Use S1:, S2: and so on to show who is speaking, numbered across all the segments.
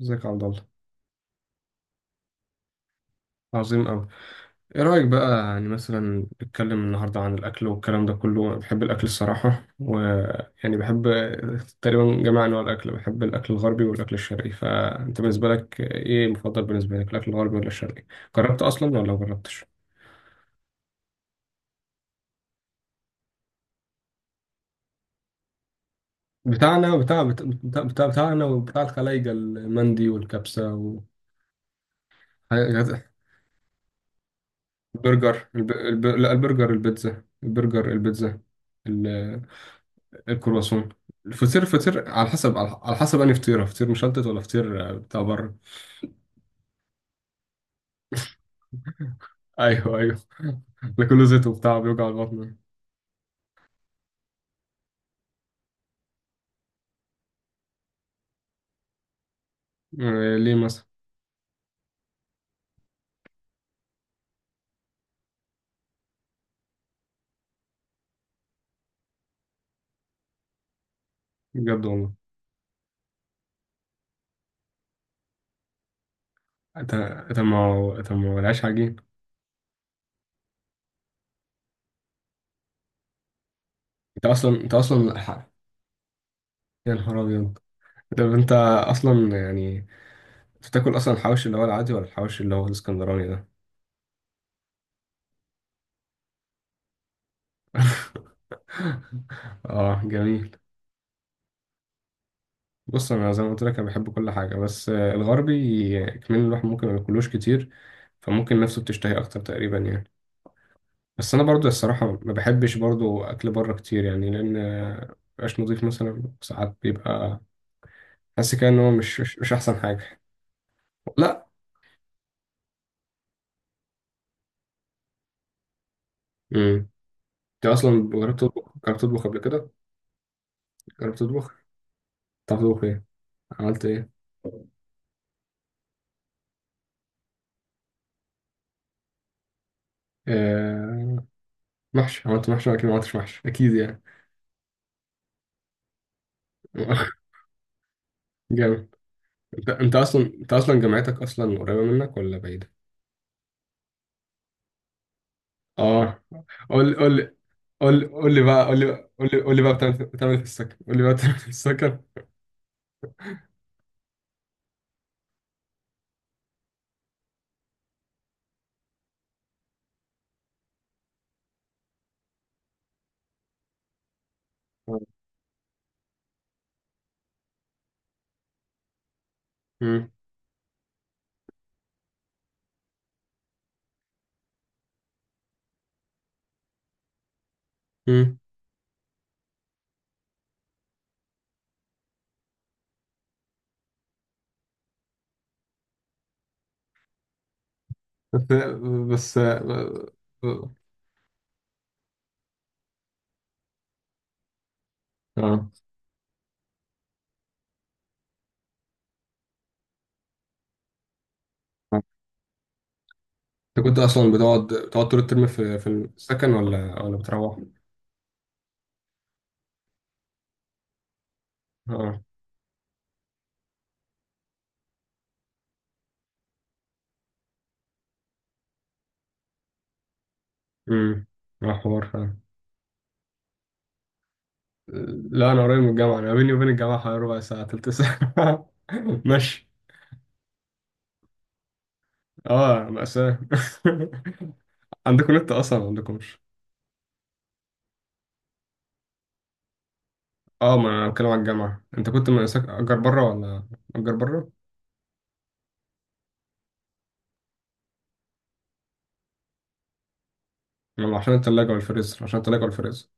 S1: ازيك يا عبد الله؟ عظيم أوي. إيه رأيك بقى يعني مثلا نتكلم النهاردة عن الأكل والكلام ده كله؟ أنا بحب الأكل الصراحة، ويعني بحب تقريبا جميع أنواع الأكل، بحب الأكل الغربي والأكل الشرقي. فأنت بالنسبة لك إيه مفضل بالنسبة لك، الأكل الغربي ولا الشرقي؟ جربت أصلا ولا ما جربتش؟ بتاعنا وبتاع الخلايجة المندي والكبسة والحاجات. البرجر لا، البرجر، البيتزا، البرجر، البيتزا، الكرواسون. الفطير، فطير على حسب، على حسب انهي فطيره، فطير مشلتت ولا فطير، بتاع بره. ايوه، ايوه. ده كله زيت وبتاع بيوجع البطن. ليه مثلا؟ بجد والله. انت ما هو، العيش عجين. انت اصلا انت اصلا الح- يا نهار ابيض! طب انت اصلا يعني، بتاكل اصلا الحواوشي اللي هو العادي ولا الحواوشي اللي هو الاسكندراني ده؟ اه، جميل. بص انا زي ما قلت لك انا بحب كل حاجه، بس الغربي. كمان الواحد ممكن ما ياكلوش كتير، فممكن نفسه بتشتهي اكتر تقريبا يعني. بس انا برضو الصراحه ما بحبش برضو اكل بره كتير، يعني لان مبقاش نضيف مثلا، ساعات بيبقى حاسس كده ان هو مش احسن حاجه. لا. امم. انت اصلا جربت تطبخ، جربت تطبخ قبل كده؟ جربت تطبخ؟ بتعرف تطبخ ايه؟ عملت ايه؟ آه. محشي؟ عملت محشي اكيد، ما عملتش محشي اكيد يعني. جامد. انت اصلا جامعتك اصلا قريبه منك ولا بعيده؟ اه. قول لي قول لي، قول لي بقى، قول لي بقى، قول لي، قول لي بقى، بتعمل إيه في السكر؟ قول لي بقى بتعمل إيه في السكر؟ مم. مم. بس. بس، اه. آه. انت كنت اصلا بتقعد طول الترم في السكن ولا بتروح؟ اه. امم. اه، حوار فعلا. لا انا قريب من الجامعه، انا بيني وبين الجامعه حوالي ربع ساعه تلت ساعه. ماشي. اه، مأساة. عندكم نت اصلا ما عندكمش؟ اه، ما انا بتكلم على الجامعة. انت كنت من اجر بره ولا اجر بره؟ ما عشان التلاجة والفريزر، عشان التلاجة والفريزر.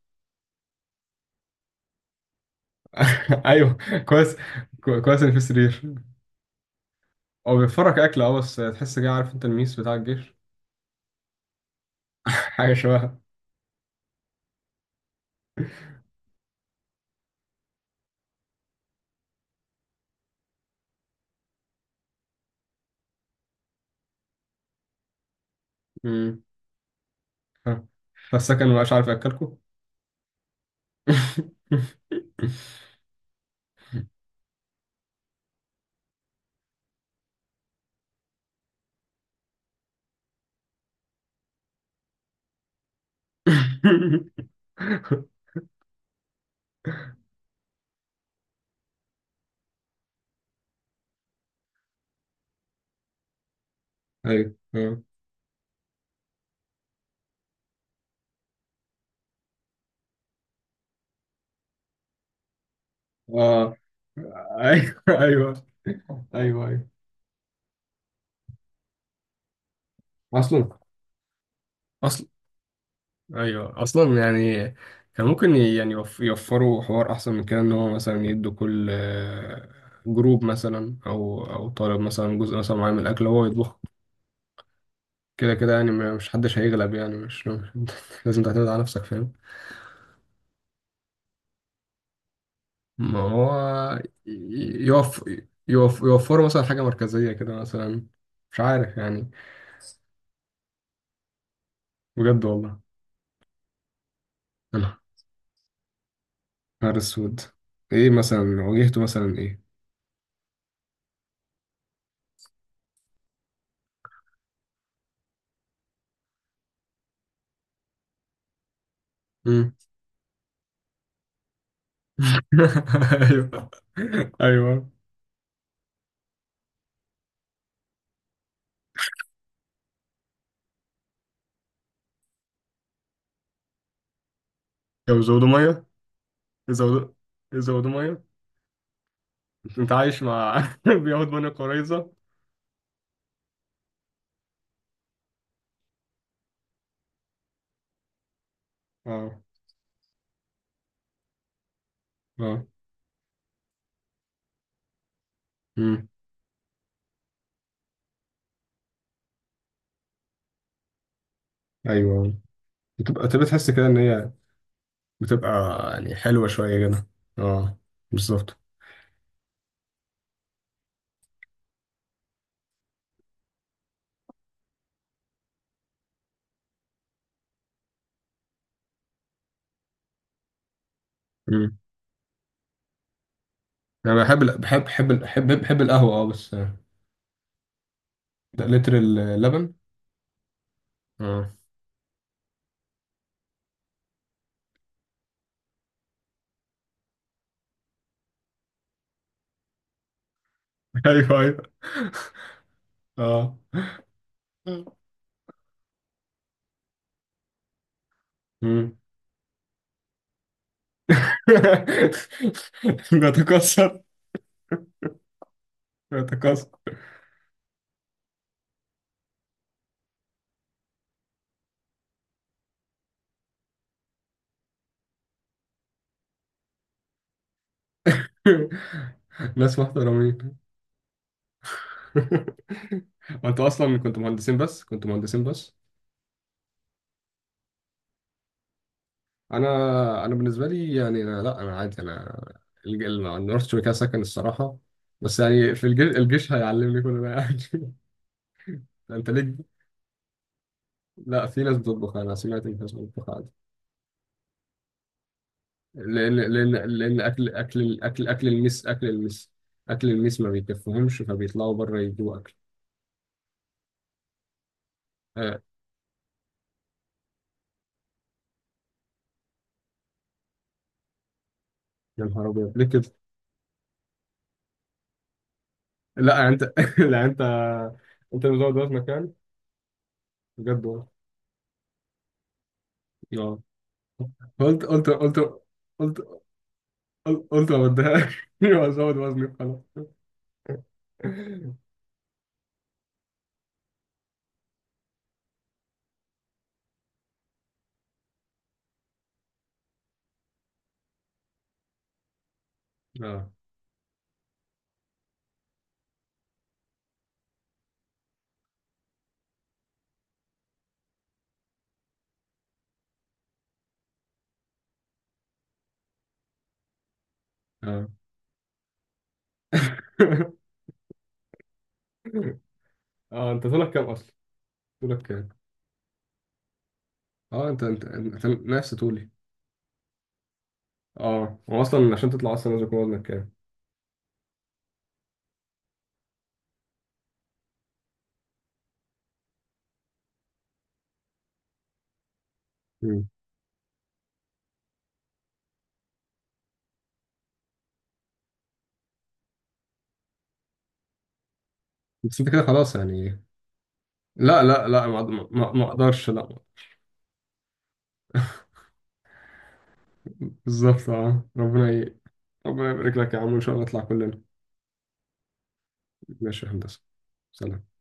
S1: ايوه، كويس. كويس ان في سرير. هو بيوفرك اكل، اه، بس تحس كده عارف انت الميس بتاع الجيش. حاجة شبهها. امم. ف- فالسكن مبقاش عارف ياكلكوا. ايوه، اه. اه. ايوه، ايوه. ايوه، ايوه، اصلا اصلا ايوه اصلا يعني، كان ممكن يعني يوفروا حوار احسن من كده، ان هو مثلا يدوا كل جروب مثلا او طالب مثلا جزء مثلا معين من الاكل هو يطبخ، كده كده يعني مش حدش هيغلب يعني لازم تعتمد على نفسك، فاهم. ما هو ي- يوف يوفروا مثلا حاجه مركزيه كده مثلا، مش عارف يعني. بجد والله. انا نهار اسود. ايه مثلا واجهته مثلا ايه؟ مم. ايوه، ايوه. يا زودوا ميه، يزودوا يزودوا ميه. انت عايش مع، بياخد ميه قريظه. اه. اه. امم. ايوه. بتبقى تحس كده ان هي بتبقى، يعني حلوه شويه كده. اه. بالظبط. امم. انا بحب بحب القهوه، اه. بس ده لتر اللبن. اه. ايوه، ايوه. اه. امم. بتكسر. بتكسر. ناس محترمين. وانتوا اصلا كنتوا مهندسين بس، كنتوا مهندسين بس. انا بالنسبه لي يعني أنا، لا انا عادي. انا الج- ال- نورث شركه سكن الصراحه. بس يعني في الجيش، الجيش هيعلمني كل ده يعني. انت ليك؟ لا، في ناس بتطبخ، انا سمعت ان في ناس بتطبخ عادي. لان اكل المس ما بيكفهمش، فبيطلعوا بره يجيبوا اكل. آه. يا نهار ابيض، ليه كده؟ لا يعني انت، لا انت، انت مزود ده في مكان. بجد والله. اه. قلت قلت قلت قلت قلت ما بديهاش، وازود وزني خلاص. اه. اه. اه، انت طولك كام اصلا؟ طولك كام؟ اه، انت نفس طولي. اه، هو اصلا عشان تطلع اصلا لازم يكون وزنك كام؟ مم. بس انت كده خلاص يعني. لا، لا، لا، ما اقدرش، لا. بالظبط، اه، ربنا يبارك لك يا عم، ان شاء الله نطلع كلنا. ماشي يا هندسة. سلام.